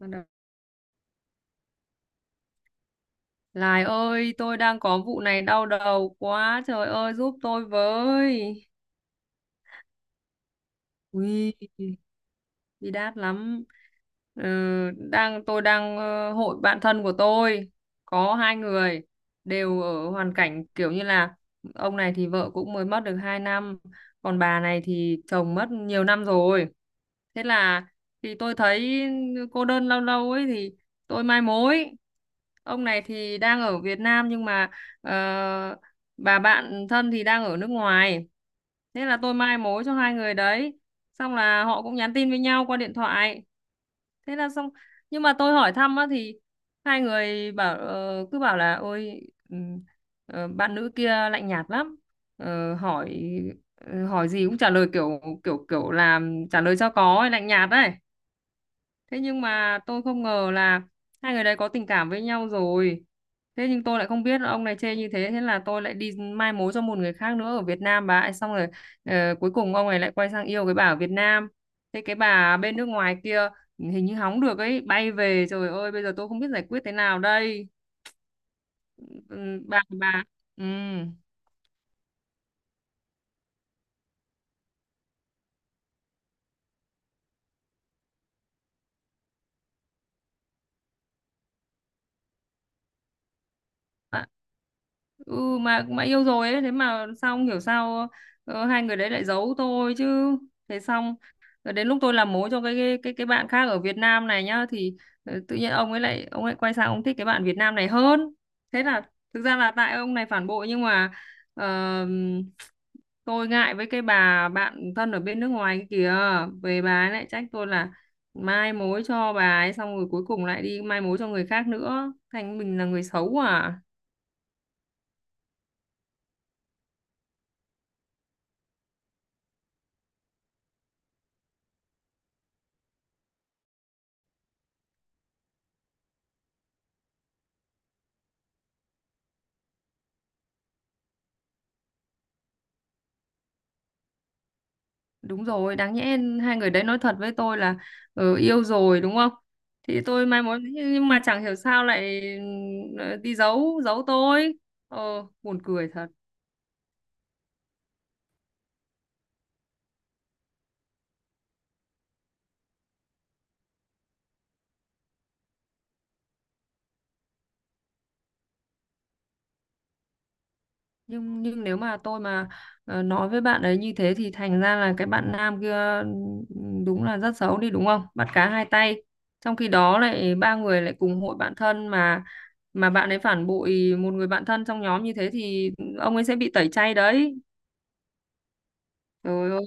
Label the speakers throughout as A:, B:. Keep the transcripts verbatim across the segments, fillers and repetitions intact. A: Bắt đầu. Lài ơi, tôi đang có vụ này đau đầu quá, trời ơi giúp tôi với. Ui, bi đát lắm. Ừ, đang tôi đang ờ, hội bạn thân của tôi có hai người đều ở hoàn cảnh kiểu như là ông này thì vợ cũng mới mất được hai năm, còn bà này thì chồng mất nhiều năm rồi. Thế là thì tôi thấy cô đơn lâu lâu ấy thì tôi mai mối. Ông này thì đang ở Việt Nam, nhưng mà ờ, bà bạn thân thì đang ở nước ngoài. Thế là tôi mai mối cho hai người đấy, xong là họ cũng nhắn tin với nhau qua điện thoại, thế là xong. Nhưng mà tôi hỏi thăm á thì hai người bảo ờ, cứ bảo là ôi, ừm, ờ, bạn nữ kia lạnh nhạt lắm. Ờ, hỏi ờ, hỏi gì cũng trả lời kiểu kiểu kiểu là trả lời cho có, lạnh nhạt đấy. Thế nhưng mà tôi không ngờ là hai người đấy có tình cảm với nhau rồi. Thế nhưng tôi lại không biết ông này chê như thế, thế là tôi lại đi mai mối cho một người khác nữa ở Việt Nam bà ấy xong rồi. Ờ, cuối cùng ông này lại quay sang yêu cái bà ở Việt Nam. Thế cái bà bên nước ngoài kia hình như hóng được ấy, bay về, trời ơi bây giờ tôi không biết giải quyết thế nào đây. Ừ, bà bà ừ. Ạ. Ừ mà mà yêu rồi ấy, thế mà sao không hiểu sao, ờ, hai người đấy lại giấu tôi chứ. Thế xong rồi đến lúc tôi làm mối cho cái cái cái, cái bạn khác ở Việt Nam này nhá thì ờ, tự nhiên ông ấy lại ông ấy quay sang ông thích cái bạn Việt Nam này hơn. Thế là thực ra là tại ông này phản bội, nhưng mà ờ, tôi ngại với cái bà bạn thân ở bên nước ngoài kia kìa. Về bà ấy lại trách tôi là mai mối cho bà ấy xong rồi cuối cùng lại đi mai mối cho người khác nữa, thành mình là người xấu à. Đúng rồi, đáng nhẽ hai người đấy nói thật với tôi là ừ, yêu rồi đúng không? Thì tôi mai mối, nhưng mà chẳng hiểu sao lại ừ, đi giấu giấu tôi. Ờ buồn cười thật. Nhưng nhưng nếu mà tôi mà ờ, nói với bạn ấy như thế thì thành ra là cái bạn nam kia ừ, đúng là rất xấu đi đúng không? Bắt cá hai tay. Trong khi đó lại ba người lại cùng hội bạn thân mà mà bạn ấy phản bội một người bạn thân trong nhóm như thế thì ông ấy sẽ bị tẩy chay đấy. Trời ơi,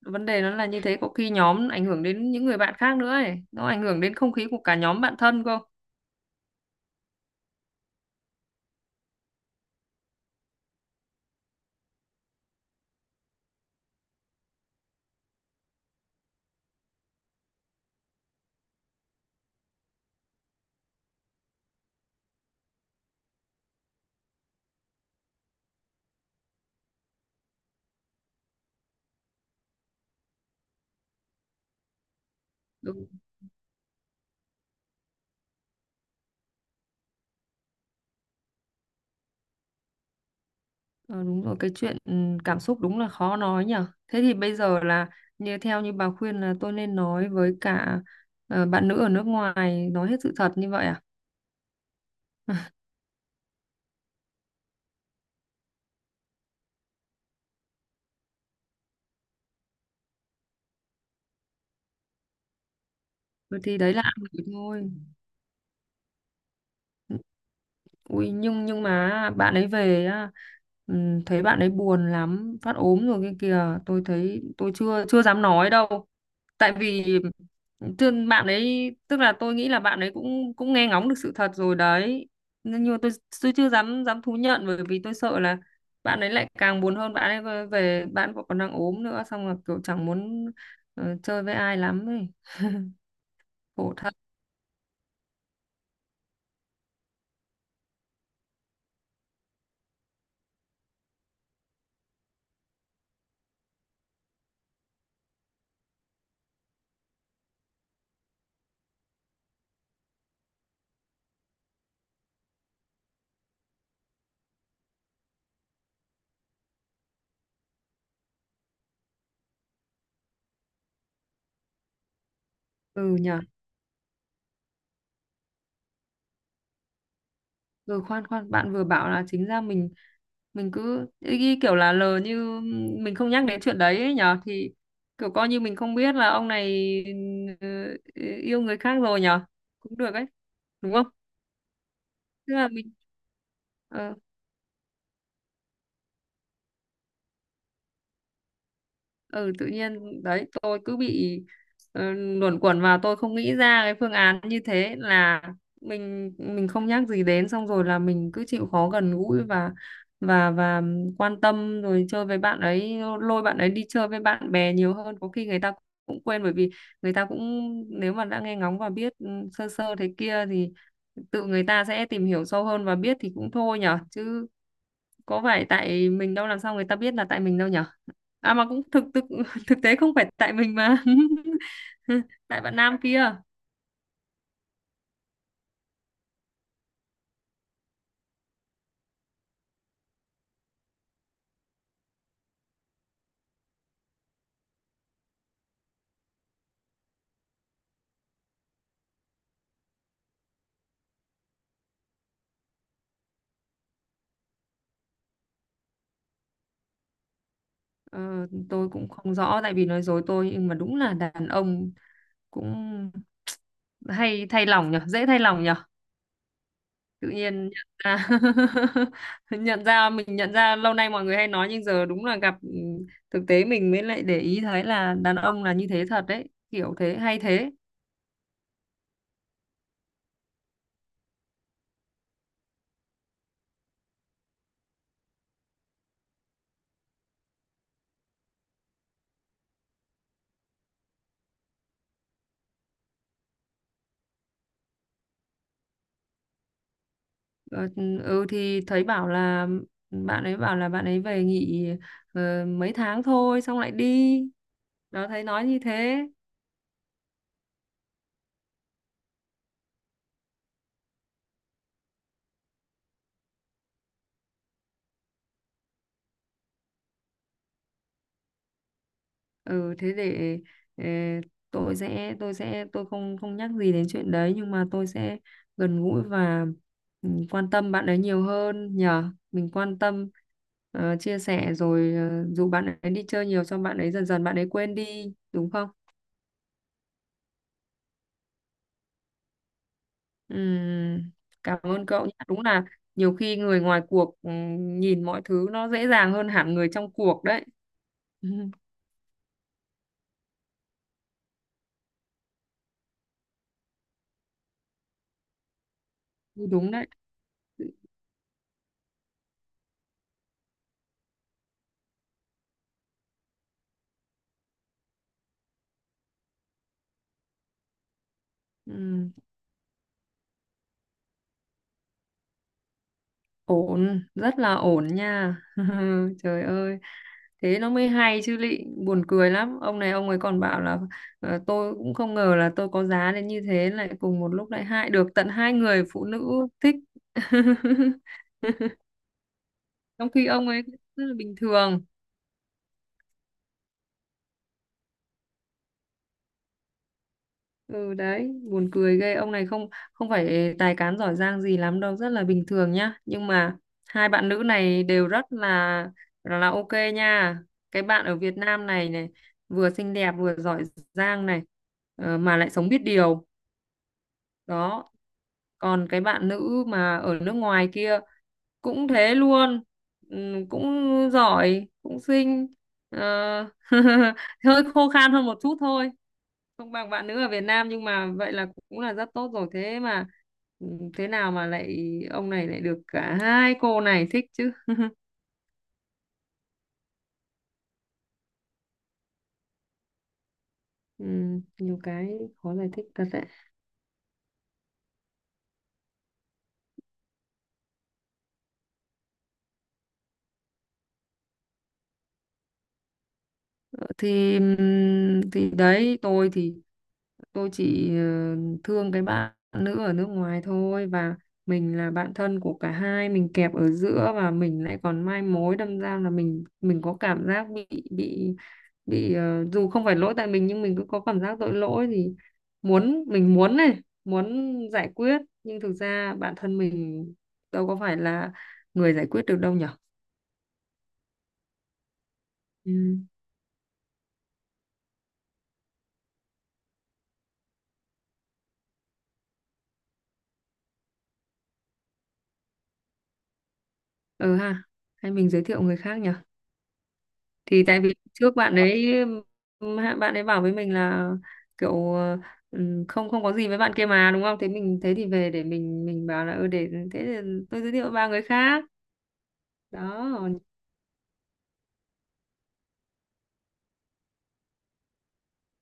A: vấn đề nó là như thế, có khi nhóm ảnh hưởng đến những người bạn khác nữa ấy, nó ảnh hưởng đến không khí của cả nhóm bạn thân cơ. Đúng, ờ, đúng rồi, cái chuyện ừ, cảm xúc đúng là khó nói nhở. Thế thì bây giờ là như theo như bà khuyên là tôi nên nói với cả ờ, bạn nữ ở nước ngoài, nói hết sự thật như vậy à? Ừ, thì đấy là ăn của thôi. Ui, nhưng nhưng mà bạn ấy về á, ừm, thấy bạn ấy buồn lắm, phát ốm rồi kia kìa, tôi thấy tôi chưa chưa dám nói đâu. Tại vì thương bạn ấy, tức là tôi nghĩ là bạn ấy cũng cũng nghe ngóng được sự thật rồi đấy, nhưng nhưng mà tôi tôi chưa dám dám thú nhận bởi vì tôi sợ là bạn ấy lại càng buồn hơn. Bạn ấy về về- bạn cũng còn đang ốm nữa, xong rồi kiểu chẳng muốn ờ, chơi với ai lắm ấy, khổ thật. Ừ nhở. Ừ, khoan khoan, bạn vừa bảo là chính ra mình mình cứ ý, ý kiểu là lờ như mình không nhắc đến chuyện đấy ấy nhở, thì kiểu coi như mình không biết là ông này ừ, ừ, yêu người khác rồi nhờ, cũng được ấy đúng không. Tức là mình ờ ừ, tự nhiên đấy tôi cứ bị ờ, luẩn quẩn vào, tôi không nghĩ ra cái phương án như thế, là mình mình không nhắc gì đến, xong rồi là mình cứ chịu khó gần gũi và và và quan tâm rồi chơi với bạn ấy, lôi bạn ấy đi chơi với bạn bè nhiều hơn, có khi người ta cũng quên, bởi vì người ta cũng nếu mà đã nghe ngóng và biết ừ, sơ sơ thế kia thì tự người ta sẽ tìm hiểu sâu hơn và biết thì cũng thôi nhở, chứ có phải tại mình đâu, làm sao người ta biết là tại mình đâu nhở. À mà cũng thực thực thực tế không phải tại mình mà tại bạn nam kia. ờ, tôi cũng không rõ tại vì nói dối tôi, nhưng mà đúng là đàn ông cũng hay thay lòng nhở, dễ thay lòng nhở. Tự nhiên nhận ra nhận ra mình nhận ra lâu nay mọi người hay nói, nhưng giờ đúng là gặp ừ, thực tế mình mới lại để ý thấy là đàn ông là như thế thật đấy, kiểu thế hay thế. Ờ, ừ thì thấy bảo là bạn ấy bảo là bạn ấy về nghỉ ờ, mấy tháng thôi xong lại đi, đó thấy nói như thế. Ừ thế để ờ, tôi sẽ tôi sẽ tôi không không nhắc gì đến chuyện đấy, nhưng mà tôi sẽ gần gũi và ừ, quan tâm bạn ấy nhiều hơn nhờ, mình quan tâm ờ, chia sẻ rồi ờ, dù bạn ấy đi chơi nhiều, xong bạn ấy dần dần bạn ấy quên đi đúng không. Ừm, cảm ơn cậu nhé. Đúng là nhiều khi người ngoài cuộc ừm, nhìn mọi thứ nó dễ dàng hơn hẳn người trong cuộc đấy. Ừm, đúng đấy. Ừm, ổn, rất là ổn nha. Trời ơi, thế nó mới hay chứ lị, buồn cười lắm. Ông này ông ấy còn bảo là ờ, tôi cũng không ngờ là tôi có giá đến như thế, lại cùng một lúc lại hại được tận hai người phụ nữ thích. Trong khi ông ấy rất là bình thường. Ừ đấy buồn cười ghê, ông này không không phải tài cán giỏi giang gì lắm đâu, rất là bình thường nhá, nhưng mà hai bạn nữ này đều rất là là, ok nha. Cái bạn ở Việt Nam này này vừa xinh đẹp vừa giỏi giang này, ờ, mà lại sống biết điều đó. Còn cái bạn nữ mà ở nước ngoài kia cũng thế luôn, ừm, cũng giỏi cũng xinh. Ờ, hơi khô khan hơn một chút thôi, không bằng bạn nữ ở Việt Nam, nhưng mà vậy là cũng là rất tốt rồi. Thế mà ừ, thế nào mà lại ông này lại được cả hai cô này thích chứ. Ừ, nhiều cái khó giải thích thật đấy. Thì ừm, thì đấy tôi thì tôi chỉ ờ, thương cái bạn nữ ở nước ngoài thôi, và mình là bạn thân của cả hai, mình kẹp ở giữa và mình lại còn mai mối, đâm ra là mình mình có cảm giác bị bị bị ờ, dù không phải lỗi tại mình nhưng mình cứ có cảm giác tội lỗi, thì muốn mình muốn này muốn giải quyết, nhưng thực ra bản thân mình đâu có phải là người giải quyết được đâu nhở. Ừ. Ừ ha, hay mình giới thiệu người khác nhỉ. Thì tại vì trước bạn ấy ừm, hạ- bạn ấy bảo với mình là kiểu ờ, ừm, không không có gì với bạn kia mà đúng không, thế mình thế thì về để mình mình bảo là ừ để thế thì tôi giới thiệu ba người khác đó.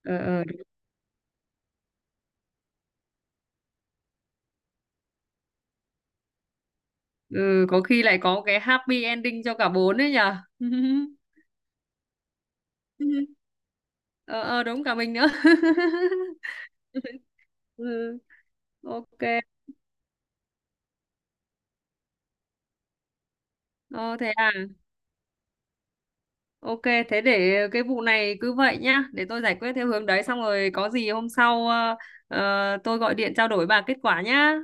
A: ờ, ờ, ừ, có khi lại có cái happy ending cho cả bốn đấy nhở. ờ, ờ đúng cả mình nữa. ừ, ok. ờ, Thế à. Ok, thế để cái vụ này cứ vậy nhá, để tôi giải quyết theo hướng đấy, xong rồi có gì hôm sau ờ, ờ, tôi gọi điện trao đổi bà kết quả nhá.